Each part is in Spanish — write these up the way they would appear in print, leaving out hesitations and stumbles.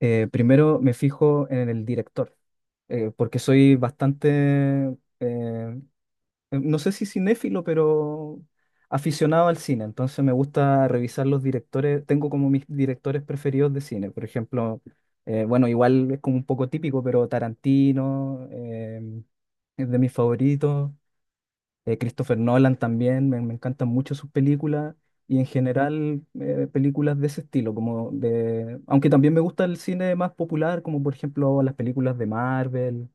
Primero me fijo en el director, porque soy bastante, eh, eh, no sé si cinéfilo, pero aficionado al cine. Entonces me gusta revisar los directores, tengo como mis directores preferidos de cine. Por ejemplo, bueno, igual es como un poco típico, pero Tarantino es de mis favoritos. Christopher Nolan también, me encantan mucho sus películas y en general películas de ese estilo, como de, aunque también me gusta el cine más popular, como por ejemplo las películas de Marvel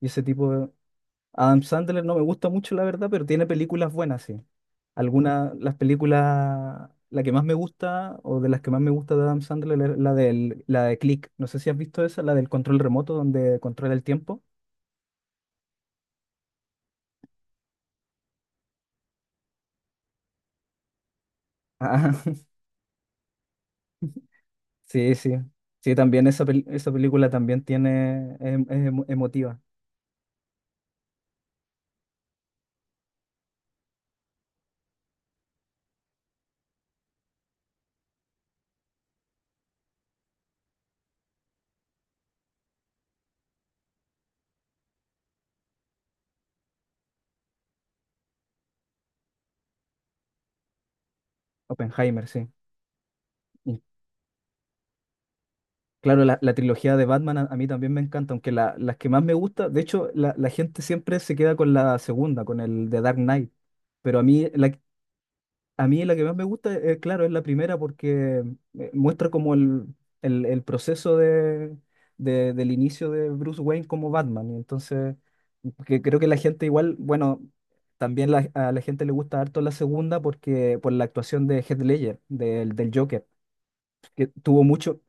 y ese tipo de... Adam Sandler no me gusta mucho, la verdad, pero tiene películas buenas, sí. Algunas, las películas, la que más me gusta o de las que más me gusta de Adam Sandler es la, del, la de Click. No sé si has visto esa, la del control remoto donde controla el tiempo. Sí, sí. Sí, también esa, esa película también tiene, es, es emotiva. Oppenheimer, sí. Y claro, la trilogía de Batman a mí también me encanta, aunque las que más me gusta, de hecho, la gente siempre se queda con la segunda, con el de Dark Knight, pero a mí la que más me gusta, claro, es la primera porque muestra como el proceso del inicio de Bruce Wayne como Batman. Y entonces, que creo que la gente igual, bueno, también a la gente le gusta harto la segunda porque por la actuación de Heath Ledger, del Joker, que tuvo mucho.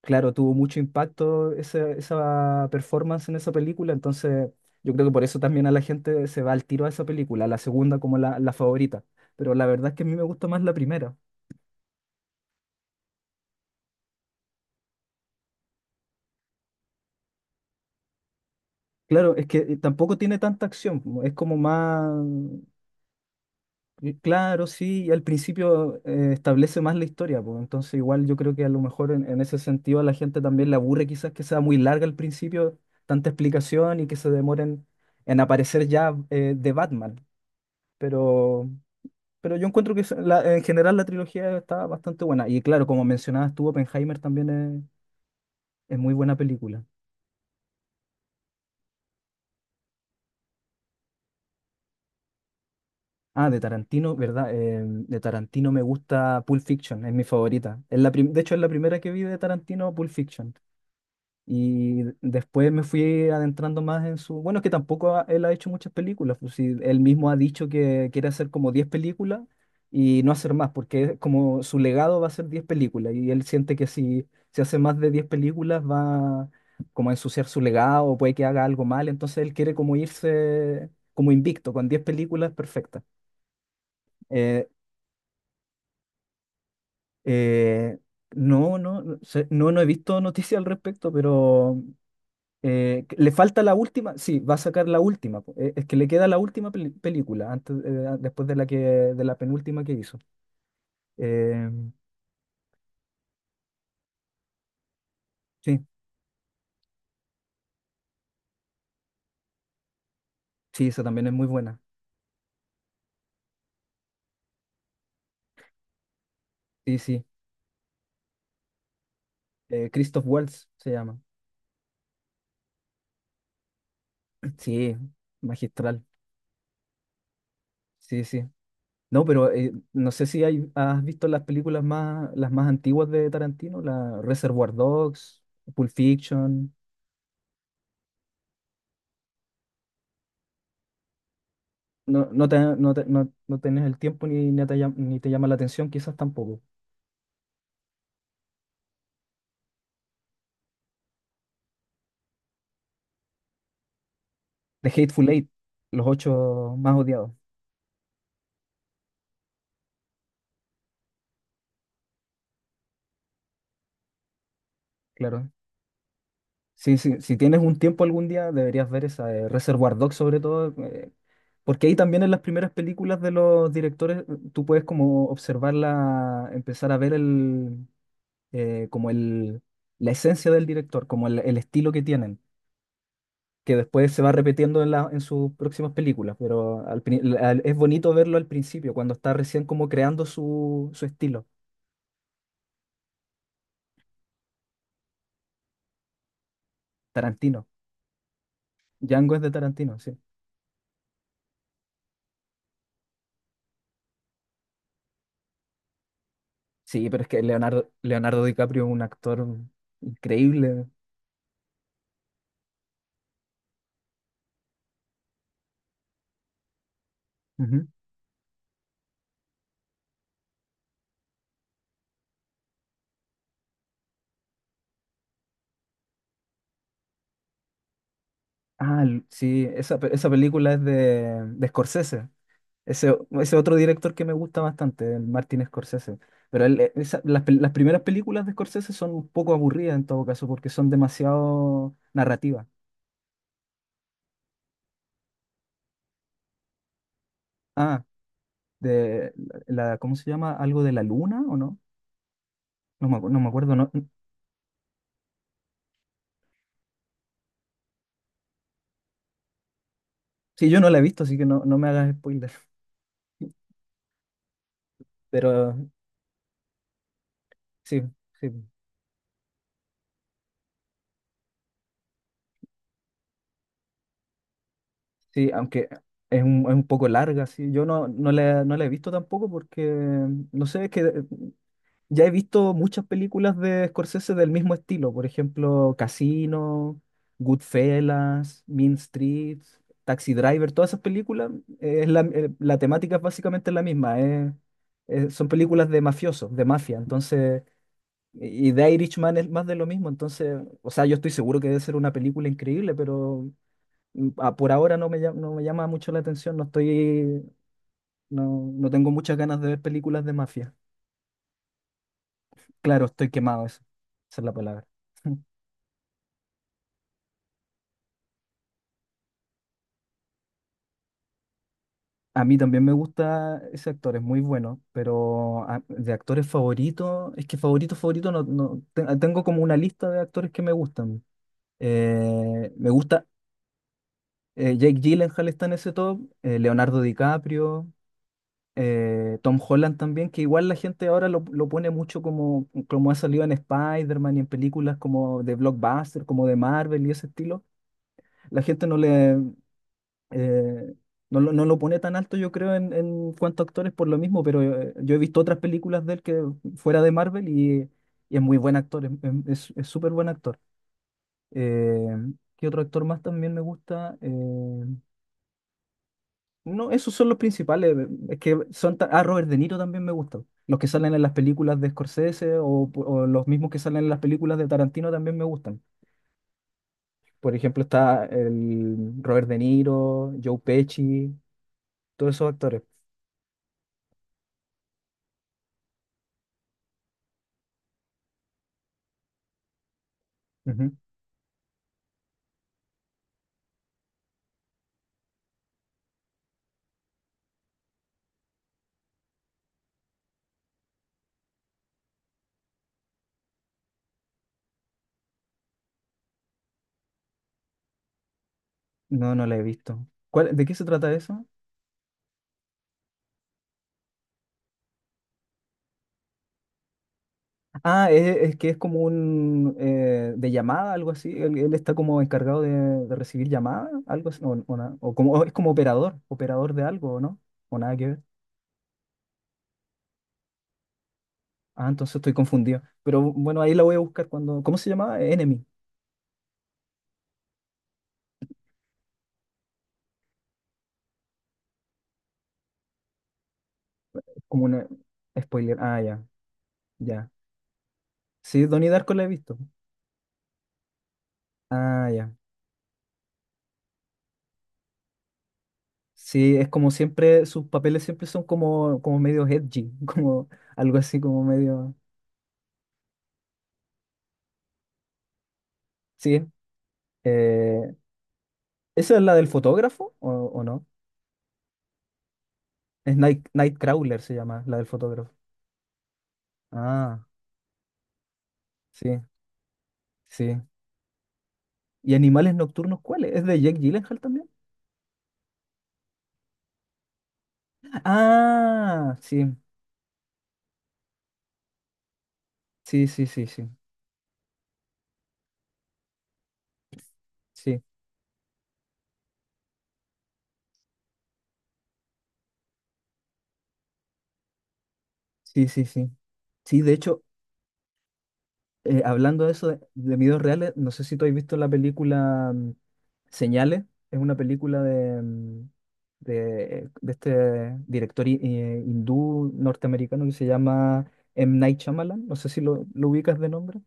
Claro, tuvo mucho impacto esa performance en esa película, entonces yo creo que por eso también a la gente se va al tiro a esa película, a la segunda como la favorita, pero la verdad es que a mí me gusta más la primera. Claro, es que tampoco tiene tanta acción, es como más, claro, sí, y al principio establece más la historia, pues, entonces igual yo creo que a lo mejor en ese sentido a la gente también le aburre quizás que sea muy larga al principio, tanta explicación y que se demoren en aparecer ya de Batman, pero... Pero yo encuentro que en general la trilogía está bastante buena. Y claro, como mencionabas tú, Oppenheimer también es muy buena película. Ah, de Tarantino, ¿verdad? De Tarantino me gusta Pulp Fiction, es mi favorita. Es de hecho, es la primera que vi de Tarantino, Pulp Fiction. Y después me fui adentrando más en su... Bueno, es que tampoco él ha hecho muchas películas. Pues sí, él mismo ha dicho que quiere hacer como 10 películas y no hacer más, porque es como su legado va a ser 10 películas. Y él siente que si hace más de 10 películas va como a ensuciar su legado, puede que haga algo mal. Entonces él quiere como irse como invicto, con 10 películas perfectas. Eh, eh, no, no, no he visto noticias al respecto, pero... ¿le falta la última? Sí, va a sacar la última. Po. Es que le queda la última película antes, después de la que, de la penúltima que hizo. Eh, sí, sí, esa también es muy buena. Sí, sí. Christoph Waltz se llama. Sí, magistral. Sí, sí. No, pero no sé si hay, has visto las películas más, las más antiguas de Tarantino, la Reservoir Dogs, Pulp Fiction. No, no, no tenés el tiempo ni te, ni te llama la atención, quizás tampoco. The Hateful Eight, los ocho más odiados, claro. Sí, sí, si tienes un tiempo algún día, deberías ver esa de Reservoir Dogs sobre todo, porque ahí también en las primeras películas de los directores tú puedes como observarla, empezar a ver como la esencia del director, como el estilo que tienen, que después se va repitiendo en, en sus próximas películas, pero es bonito verlo al principio, cuando está recién como creando su estilo. Tarantino. Django es de Tarantino, sí. Sí, pero es que Leonardo DiCaprio es un actor increíble. Ujú. Ah, sí, esa, esa película es de Scorsese. Ese otro director que me gusta bastante, el Martin Scorsese. Pero él, las, las primeras películas de Scorsese son un poco aburridas en todo caso, porque son demasiado narrativas. Ah, de la, ¿cómo se llama? ¿Algo de la luna o no? No me acuerdo. No, sí, yo no la he visto, así que no, no me hagas spoiler. Pero sí, sí. Sí, aunque es un poco larga, sí. Yo no, no la he visto tampoco porque, no sé, es que ya he visto muchas películas de Scorsese del mismo estilo. Por ejemplo, Casino, Goodfellas, Mean Streets, Taxi Driver, todas esas películas, la temática es básicamente la misma. Son películas de mafiosos, de mafia. Entonces, y The Irishman es más de lo mismo. Entonces, o sea, yo estoy seguro que debe ser una película increíble, pero... Mm, ah, por ahora no me llama, no me llama mucho la atención, no estoy, no, no tengo muchas ganas de ver películas de mafia. Claro, estoy quemado, eso, esa es la palabra. A mí también me gusta ese actor, es muy bueno, pero de actores favoritos, es que favorito, favorito, no, tengo como una lista de actores que me gustan. Me gusta, Jake Gyllenhaal está en ese top, Leonardo DiCaprio, Tom Holland también, que igual la gente ahora lo pone mucho como, como ha salido en Spider-Man y en películas como de blockbuster, como de Marvel y ese estilo. La gente no le eh, no, lo no lo pone tan alto, yo creo, en cuanto a actores por lo mismo, pero yo he visto otras películas de él que fuera de Marvel y es muy buen actor, es súper buen actor. Eh, ¿Qué otro actor más también me gusta? No, esos son los principales. Es que son Robert De Niro también me gusta. Los que salen en las películas de Scorsese o los mismos que salen en las películas de Tarantino también me gustan. Por ejemplo, está el Robert De Niro, Joe Pesci, todos esos actores. Ujú. No, no la he visto. ¿Cuál, de qué se trata eso? Ah, es que es como un de llamada, algo así. Él está como encargado de recibir llamadas, algo así. O, o como, o es como operador, operador de algo, ¿o ¿no? O nada que ver. Ah, entonces estoy confundido. Pero bueno, ahí la voy a buscar cuando. ¿Cómo se llamaba? Enemy. Es como una spoiler. Ah, ya. Sí, Donnie Darko la he visto. Ah, ya. Sí, es como siempre, sus papeles siempre son como, como medio edgy, como algo así, como medio. Sí. eh, ¿esa es la del fotógrafo o no? Es Nightcrawler se llama, la del fotógrafo. Ah, sí, sí. ¿Y Animales Nocturnos cuál es? ¿Es de Jake Gyllenhaal también? Ah, sí, sí, sí, sí, sí. Sí, Sí, sí, sí. Sí, de hecho, hablando de eso, de videos reales, no sé si tú has visto la película Señales, es una película de, de este director hindú norteamericano que se llama M. Night Shyamalan, no sé si lo ubicas de nombre.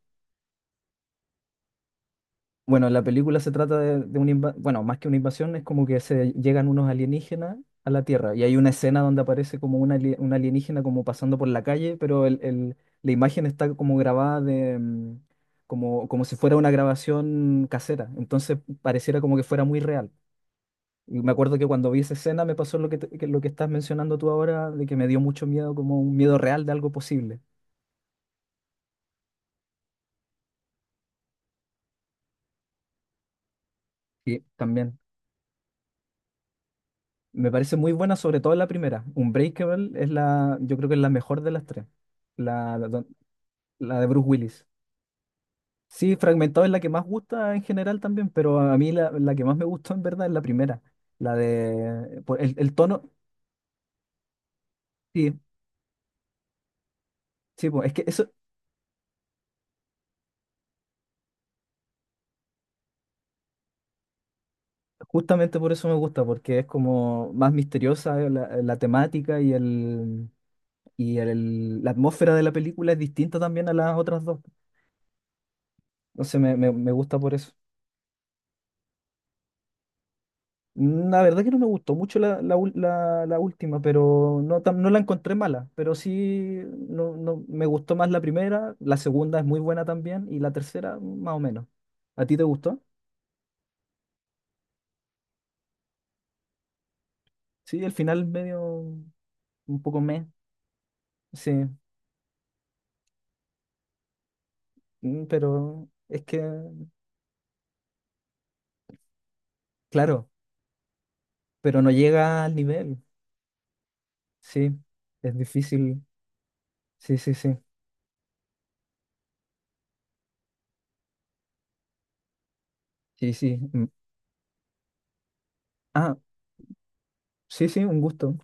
Bueno, la película se trata de una invasión, bueno, más que una invasión, es como que se llegan unos alienígenas a la Tierra y hay una escena donde aparece como un alienígena como pasando por la calle, pero la imagen está como grabada de, como, como si fuera una grabación casera, entonces pareciera como que fuera muy real. Y me acuerdo que cuando vi esa escena me pasó lo que, que lo que estás mencionando tú ahora, de que me dio mucho miedo, como un miedo real de algo posible. Sí, también. Me parece muy buena, sobre todo la primera. Unbreakable es la, yo creo que es la mejor de las tres. La, la, don- la de Bruce Willis. Sí, Fragmentado es la que más gusta en general también, pero a mí la que más me gustó en verdad es la primera. La de, por el tono, sí, sí, po, es que eso, justamente por eso me gusta, porque es como más misteriosa la temática y la atmósfera de la película es distinta también a las otras dos. Entonces me, me gusta por eso. La verdad que no me gustó mucho la última, pero no, no la encontré mala, pero sí no, no, me gustó más la primera, la segunda es muy buena también y la tercera más o menos. ¿A ti te gustó? Sí, el final medio un poco meh, sí, mm, pero es que, claro, pero no llega al nivel, sí, es difícil, sí, sí, sí, sí, sí. Mm. Ah, sí, sí, un gusto.